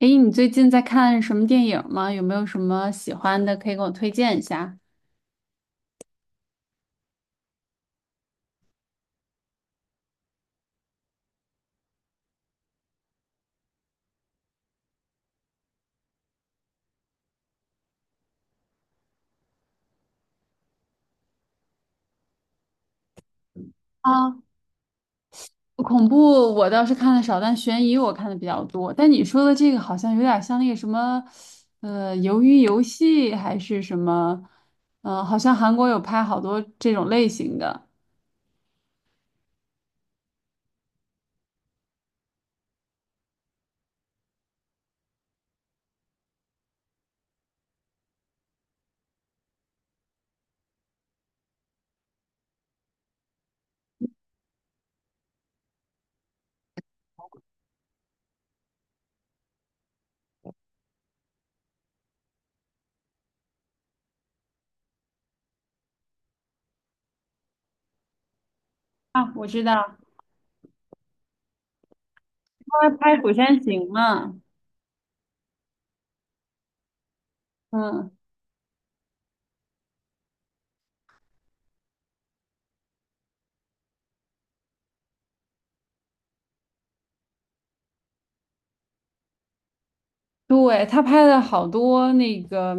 诶，你最近在看什么电影吗？有没有什么喜欢的可以给我推荐一下？啊，恐怖我倒是看的少，但悬疑我看的比较多。但你说的这个好像有点像那个什么，鱿鱼游戏还是什么？嗯、好像韩国有拍好多这种类型的。啊，我知道，他们拍《釜山行》嘛。嗯，对，他拍的好多那个，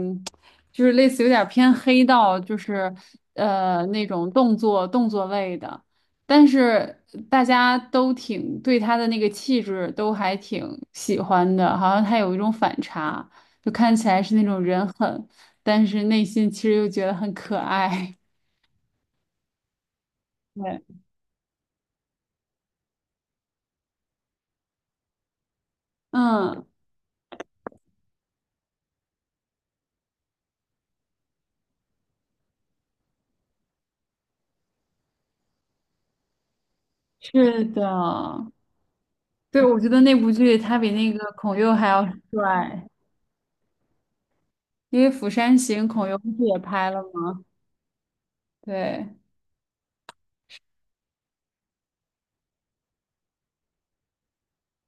就是类似有点偏黑道，就是那种动作类的，但是大家都挺对他的那个气质都还挺喜欢的，好像他有一种反差，就看起来是那种人狠，但是内心其实又觉得很可爱。对，嗯，是的，对，我觉得那部剧他比那个孔侑还要帅，因为《釜山行》孔侑不是也拍了吗？对，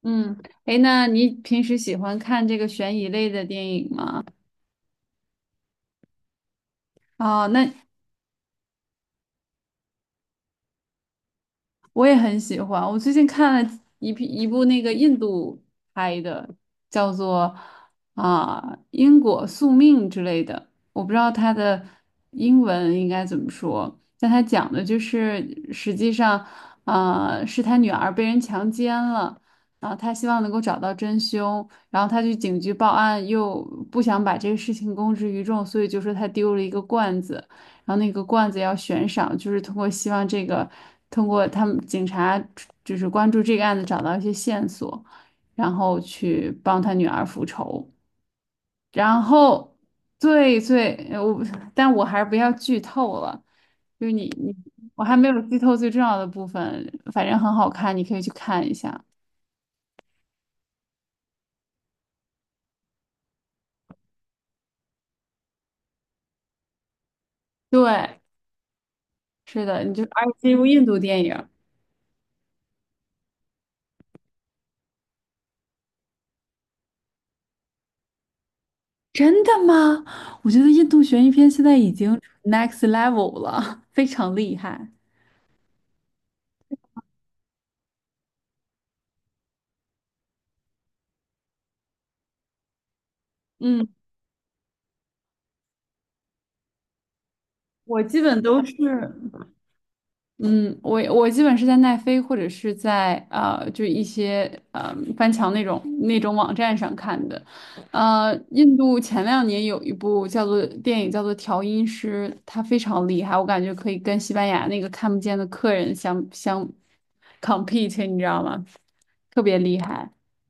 嗯，诶，那你平时喜欢看这个悬疑类的电影吗？哦，那我也很喜欢。我最近看了一部那个印度拍的，叫做啊因果宿命之类的，我不知道它的英文应该怎么说，但它讲的就是实际上啊是他女儿被人强奸了。啊他希望能够找到真凶，然后他去警局报案，又不想把这个事情公之于众，所以就说他丢了一个罐子。然后那个罐子要悬赏，就是通过希望这个，通过他们警察就是关注这个案子，找到一些线索，然后去帮他女儿复仇。然后最最呃我，但我还是不要剧透了，就是我还没有剧透最重要的部分，反正很好看，你可以去看一下。对，是的，你就而且是一部印度电影。真的吗？我觉得印度悬疑片现在已经 next level 了，非常厉害。嗯，我基本都是，嗯，我基本是在奈飞或者是在就一些翻墙那种网站上看的。印度前两年有一部叫做电影叫做《调音师》，它非常厉害，我感觉可以跟西班牙那个看不见的客人相 compete，你知道吗？特别厉害。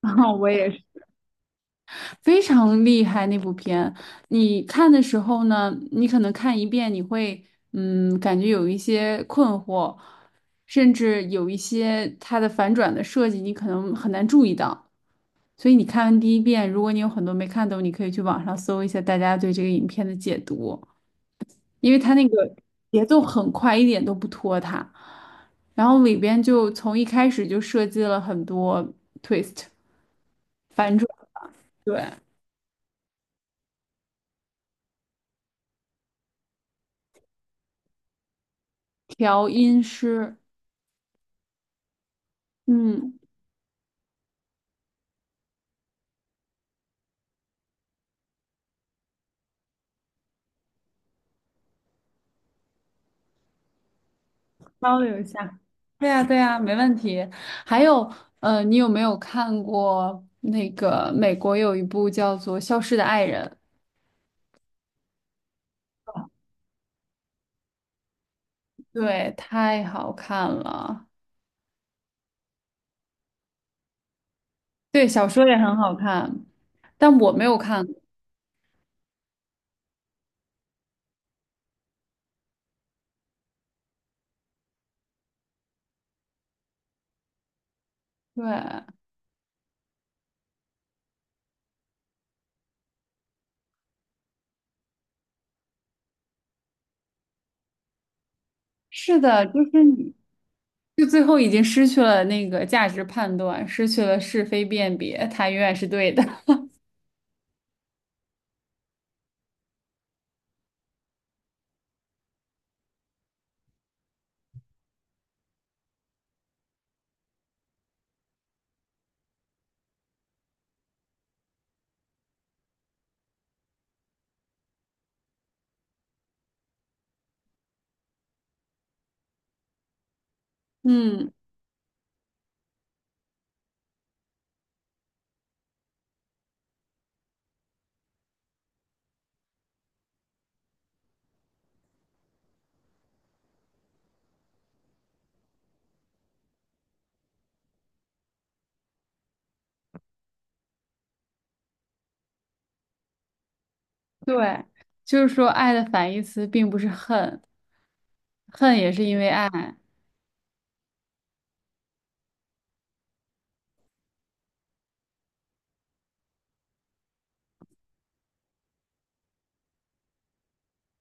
然后我也是。非常厉害那部片。你看的时候呢，你可能看一遍，你会嗯，感觉有一些困惑，甚至有一些它的反转的设计，你可能很难注意到。所以你看完第一遍，如果你有很多没看懂，你可以去网上搜一下大家对这个影片的解读，因为它那个节奏很快，一点都不拖沓。然后里边就从一开始就设计了很多 twist 反转，对，调音师。嗯，交流一下。对呀，对呀，没问题。还有，你有没有看过那个美国有一部叫做《消失的爱人》？对，太好看了。对，小说也很好看，但我没有看过。对，是的，就是你，就最后已经失去了那个价值判断，失去了是非辨别，他永远是对的。嗯，对，就是说，爱的反义词并不是恨，恨也是因为爱。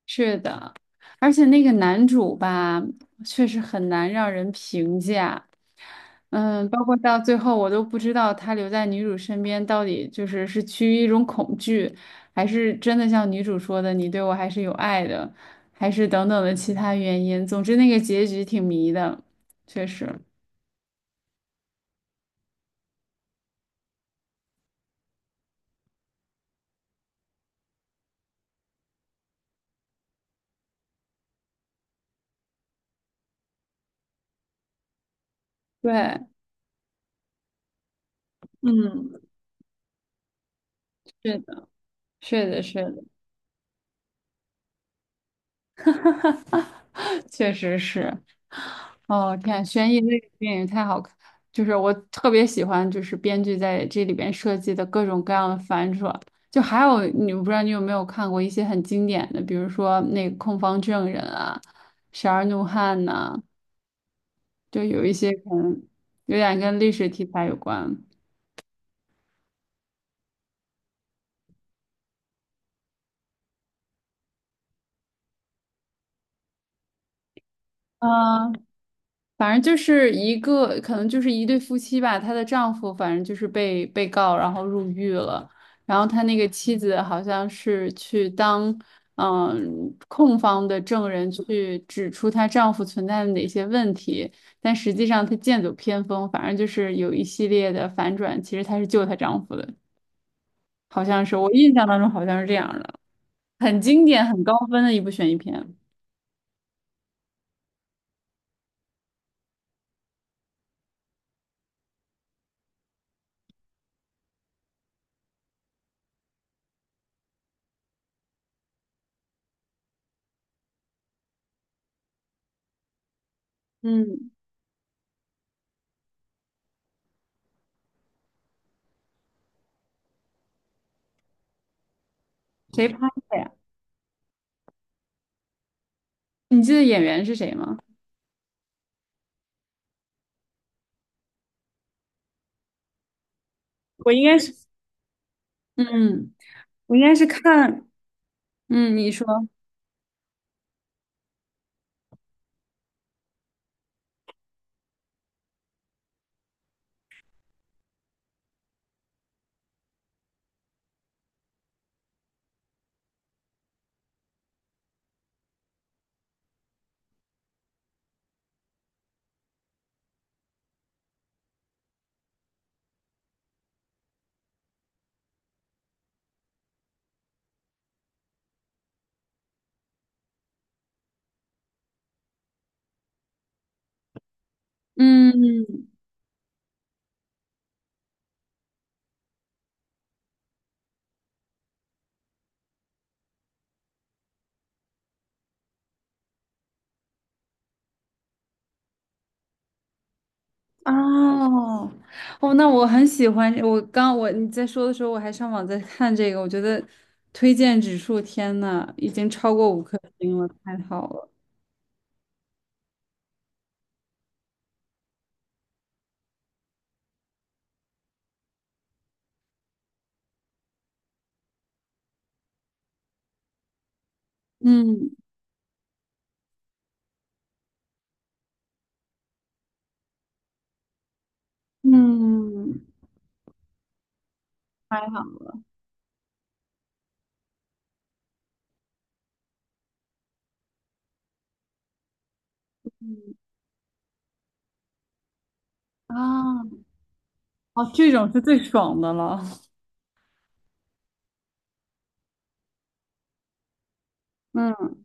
是的，而且那个男主吧，确实很难让人评价。嗯，包括到最后，我都不知道他留在女主身边到底就是是趋于一种恐惧，还是真的像女主说的，你对我还是有爱的，还是等等的其他原因。总之，那个结局挺迷的，确实。对，嗯，是的，是的，是的，确实是。哦，天，悬疑类的电影太好看，就是我特别喜欢，就是编剧在这里边设计的各种各样的反转。就还有，你我不知道你有没有看过一些很经典的，比如说那个《控方证人》啊，《十二怒汉》呐，就有一些可能有点跟历史题材有关。嗯。反正就是一个，可能就是一对夫妻吧，她的丈夫反正就是被被告，然后入狱了，然后他那个妻子好像是去当控方的证人去指出她丈夫存在的哪些问题，但实际上她剑走偏锋，反正就是有一系列的反转，其实她是救她丈夫的，好像是我印象当中好像是这样的，很经典、很高分的一部悬疑片。嗯，谁拍的呀？你记得演员是谁吗？我应该是嗯。我应该是看，嗯，你说，嗯，哦，哦，那我很喜欢，我刚我你在说的时候，我还上网在看这个，我觉得推荐指数，天呐，已经超过5颗星了，太好了，嗯嗯，太好了啊，哦，这种是最爽的了，嗯，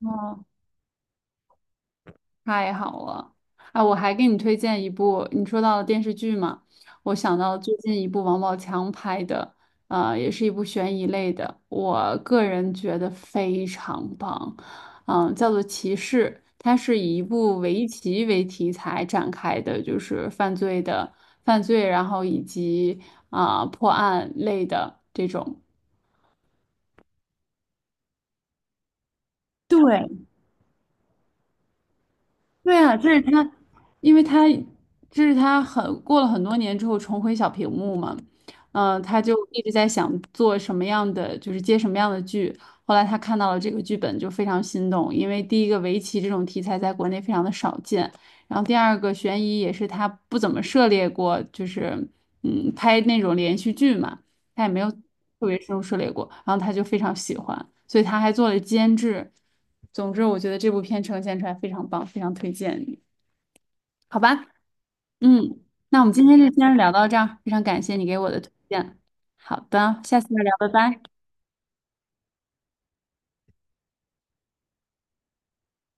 哦。太好了！啊，我还给你推荐一部，你说到了电视剧嘛，我想到最近一部王宝强拍的，啊，也是一部悬疑类的，我个人觉得非常棒，嗯、叫做《骑士》，它是以一部围棋为题材展开的，犯罪，然后以及啊、破案类的这种。对，对啊，这是他，因为他这是他很过了很多年之后重回小屏幕嘛，嗯、他就一直在想做什么样的，就是接什么样的剧。后来他看到了这个剧本，就非常心动，因为第一个围棋这种题材在国内非常的少见，然后第二个悬疑也是他不怎么涉猎过，就是拍那种连续剧嘛。他也没有特别深入涉猎过，然后他就非常喜欢，所以他还做了监制。总之，我觉得这部片呈现出来非常棒，非常推荐你，好吧？嗯，那我们今天就先聊到这儿，非常感谢你给我的推荐。好的，下次再聊，拜拜。